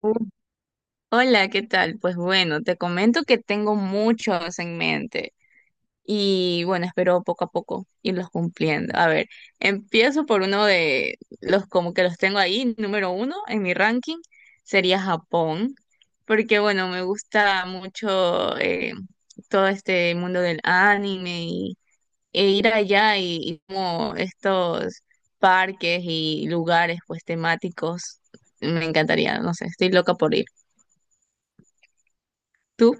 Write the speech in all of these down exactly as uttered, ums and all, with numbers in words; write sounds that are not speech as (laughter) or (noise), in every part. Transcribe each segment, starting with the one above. Uh, Hola, ¿qué tal? Pues bueno, te comento que tengo muchos en mente y bueno, espero poco a poco irlos cumpliendo. A ver, empiezo por uno de los como que los tengo ahí, número uno en mi ranking sería Japón, porque bueno, me gusta mucho eh, todo este mundo del anime y e ir allá y, y como estos parques y lugares pues temáticos, me encantaría, no sé, estoy loca por ir. ¿Tú?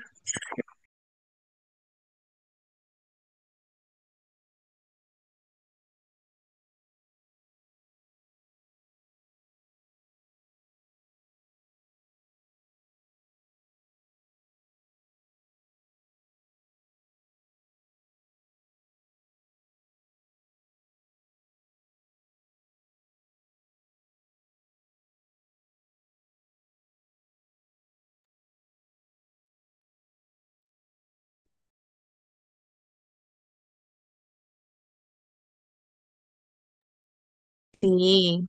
Sí,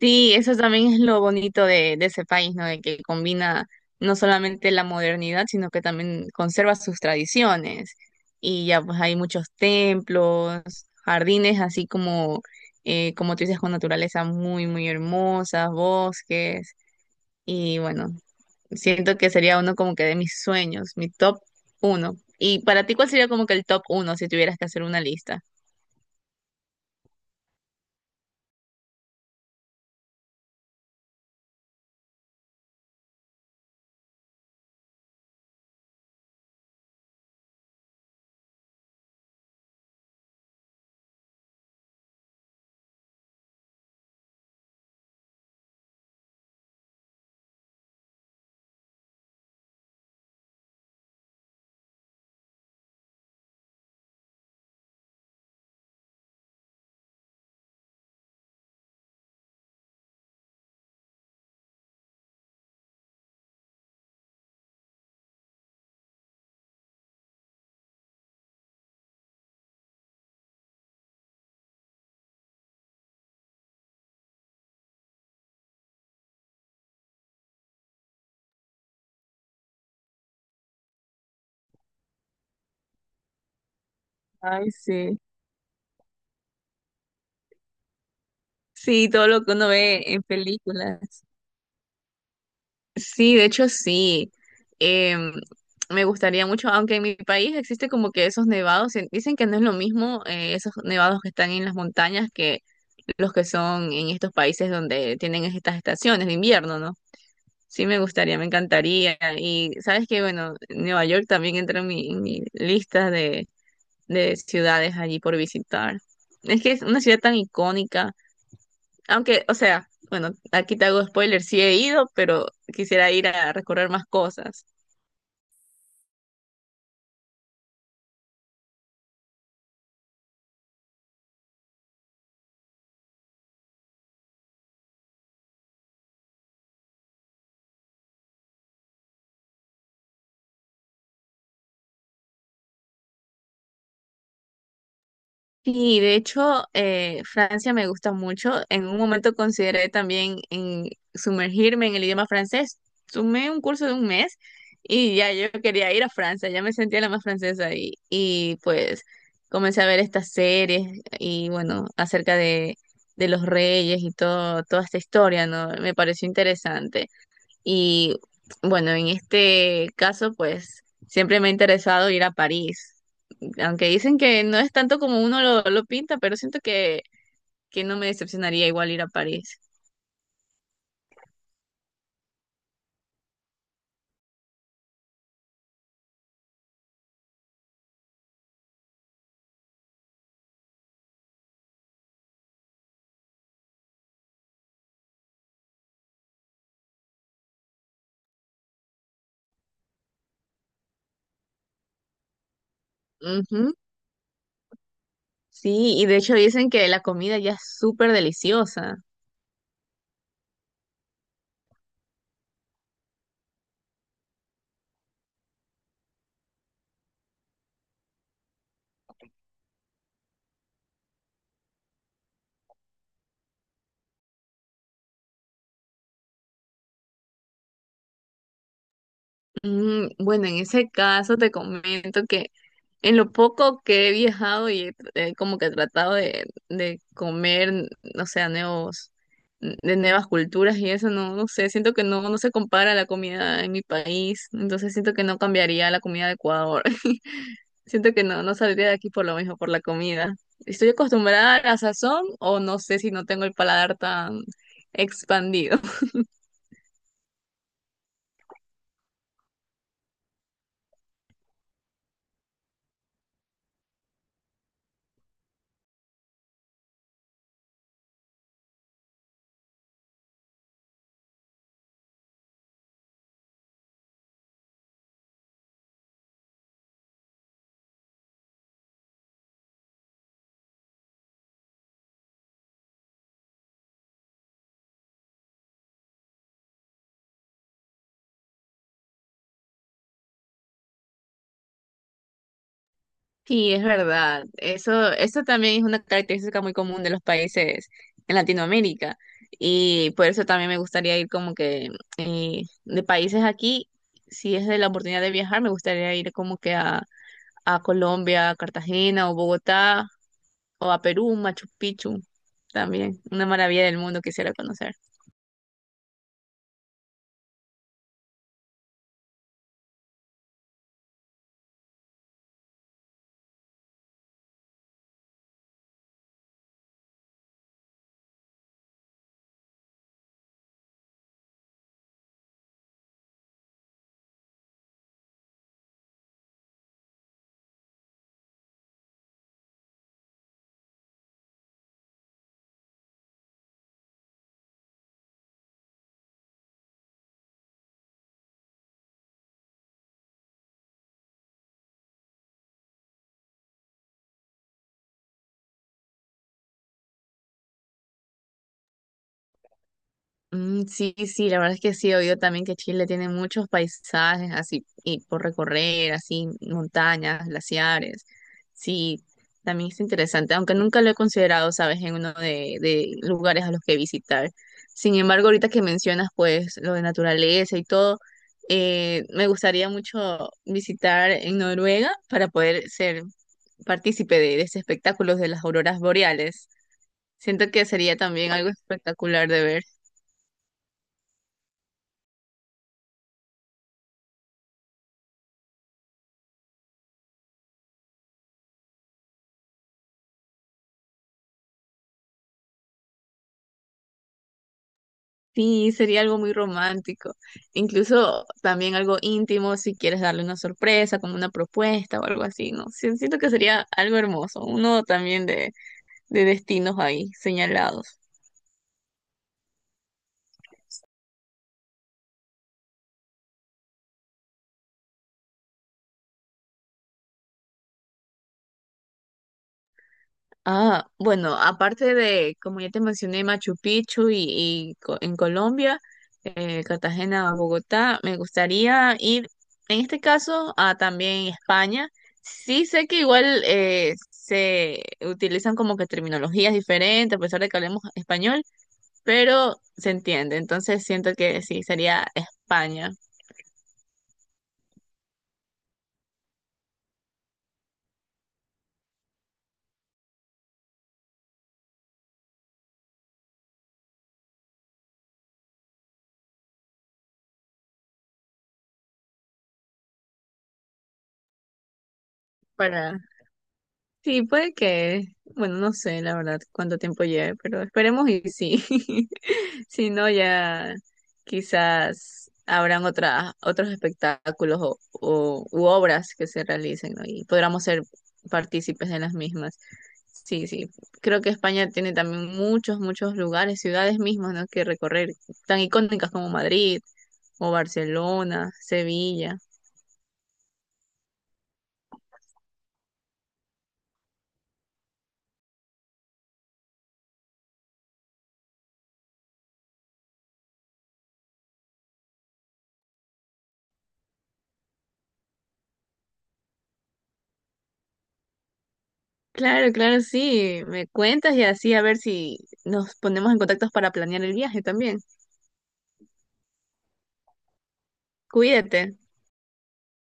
sí, eso también es lo bonito de, de ese país, ¿no? De que combina no solamente la modernidad, sino que también conserva sus tradiciones. Y ya pues hay muchos templos, jardines, así como, eh, como tú dices, con naturaleza muy, muy hermosa, bosques. Y bueno, siento que sería uno como que de mis sueños, mi top uno. Y para ti, ¿cuál sería como que el top uno si tuvieras que hacer una lista? Ay, sí. Sí, todo lo que uno ve en películas. Sí, de hecho sí. Em, Me gustaría mucho, aunque en mi país existe como que esos nevados, en- dicen que no es lo mismo eh, esos nevados que están en las montañas que los que son en estos países donde tienen estas estaciones de invierno, ¿no? Sí, me gustaría, me encantaría. Y sabes que, bueno, Nueva York también entra en mi, en mi lista de, de ciudades allí por visitar. Es que es una ciudad tan icónica aunque, o sea, bueno, aquí te hago spoiler, sí he ido, pero quisiera ir a recorrer más cosas. Sí, de hecho, eh, Francia me gusta mucho. En un momento consideré también en sumergirme en el idioma francés. Sumé un curso de un mes y ya yo quería ir a Francia, ya me sentía la más francesa y, y pues comencé a ver estas series y bueno, acerca de, de los reyes y todo, toda esta historia, ¿no? Me pareció interesante. Y bueno, en este caso, pues siempre me ha interesado ir a París. Aunque dicen que no es tanto como uno lo, lo pinta, pero siento que, que no me decepcionaría igual ir a París. Ujú, sí, y de hecho dicen que la comida ya es súper deliciosa. Mm, bueno, en ese caso te comento que en lo poco que he viajado y he tr- he como que he tratado de, de comer, n- o sea, nuevos, de nuevas culturas y eso, no, no sé, siento que no, no se compara la comida en mi país, entonces siento que no cambiaría la comida de Ecuador. (laughs) Siento que no, no saldría de aquí por lo mismo, por la comida. Estoy acostumbrada a la sazón o no sé si no tengo el paladar tan expandido. Sí, es verdad. Eso, eso también es una característica muy común de los países en Latinoamérica. Y por eso también me gustaría ir como que eh, de países aquí, si es de la oportunidad de viajar, me gustaría ir como que a, a Colombia, a Cartagena o Bogotá o a Perú, Machu Picchu también. Una maravilla del mundo quisiera conocer. Mm, sí, sí, la verdad es que sí, he oído también que Chile tiene muchos paisajes así y por recorrer, así montañas, glaciares. Sí, también es interesante, aunque nunca lo he considerado, sabes, en uno de, de lugares a los que visitar. Sin embargo, ahorita que mencionas pues lo de naturaleza y todo, eh, me gustaría mucho visitar en Noruega para poder ser partícipe de, de ese espectáculo de las auroras boreales. Siento que sería también algo espectacular de ver. Sí, sería algo muy romántico, incluso también algo íntimo si quieres darle una sorpresa, como una propuesta o algo así, ¿no? Sí, siento que sería algo hermoso, uno también de, de destinos ahí señalados. Ah, bueno, aparte de, como ya te mencioné, Machu Picchu y, y co- en Colombia, eh, Cartagena, Bogotá, me gustaría ir, en este caso, a también España. Sí sé que igual eh, se utilizan como que terminologías diferentes, a pesar de que hablemos español, pero se entiende. Entonces siento que sí, sería España para sí, puede que, bueno, no sé la verdad cuánto tiempo lleve, pero esperemos y sí. (laughs) Si no, ya quizás habrán otras, otros espectáculos o, o- u obras que se realicen, ¿no? Y podremos ser partícipes de las mismas. Sí, sí. Creo que España tiene también muchos, muchos lugares, ciudades mismas, ¿no? que recorrer, tan icónicas como Madrid o Barcelona, Sevilla. Claro, claro, sí. Me cuentas y así a ver si nos ponemos en contacto para planear el viaje también. Cuídate.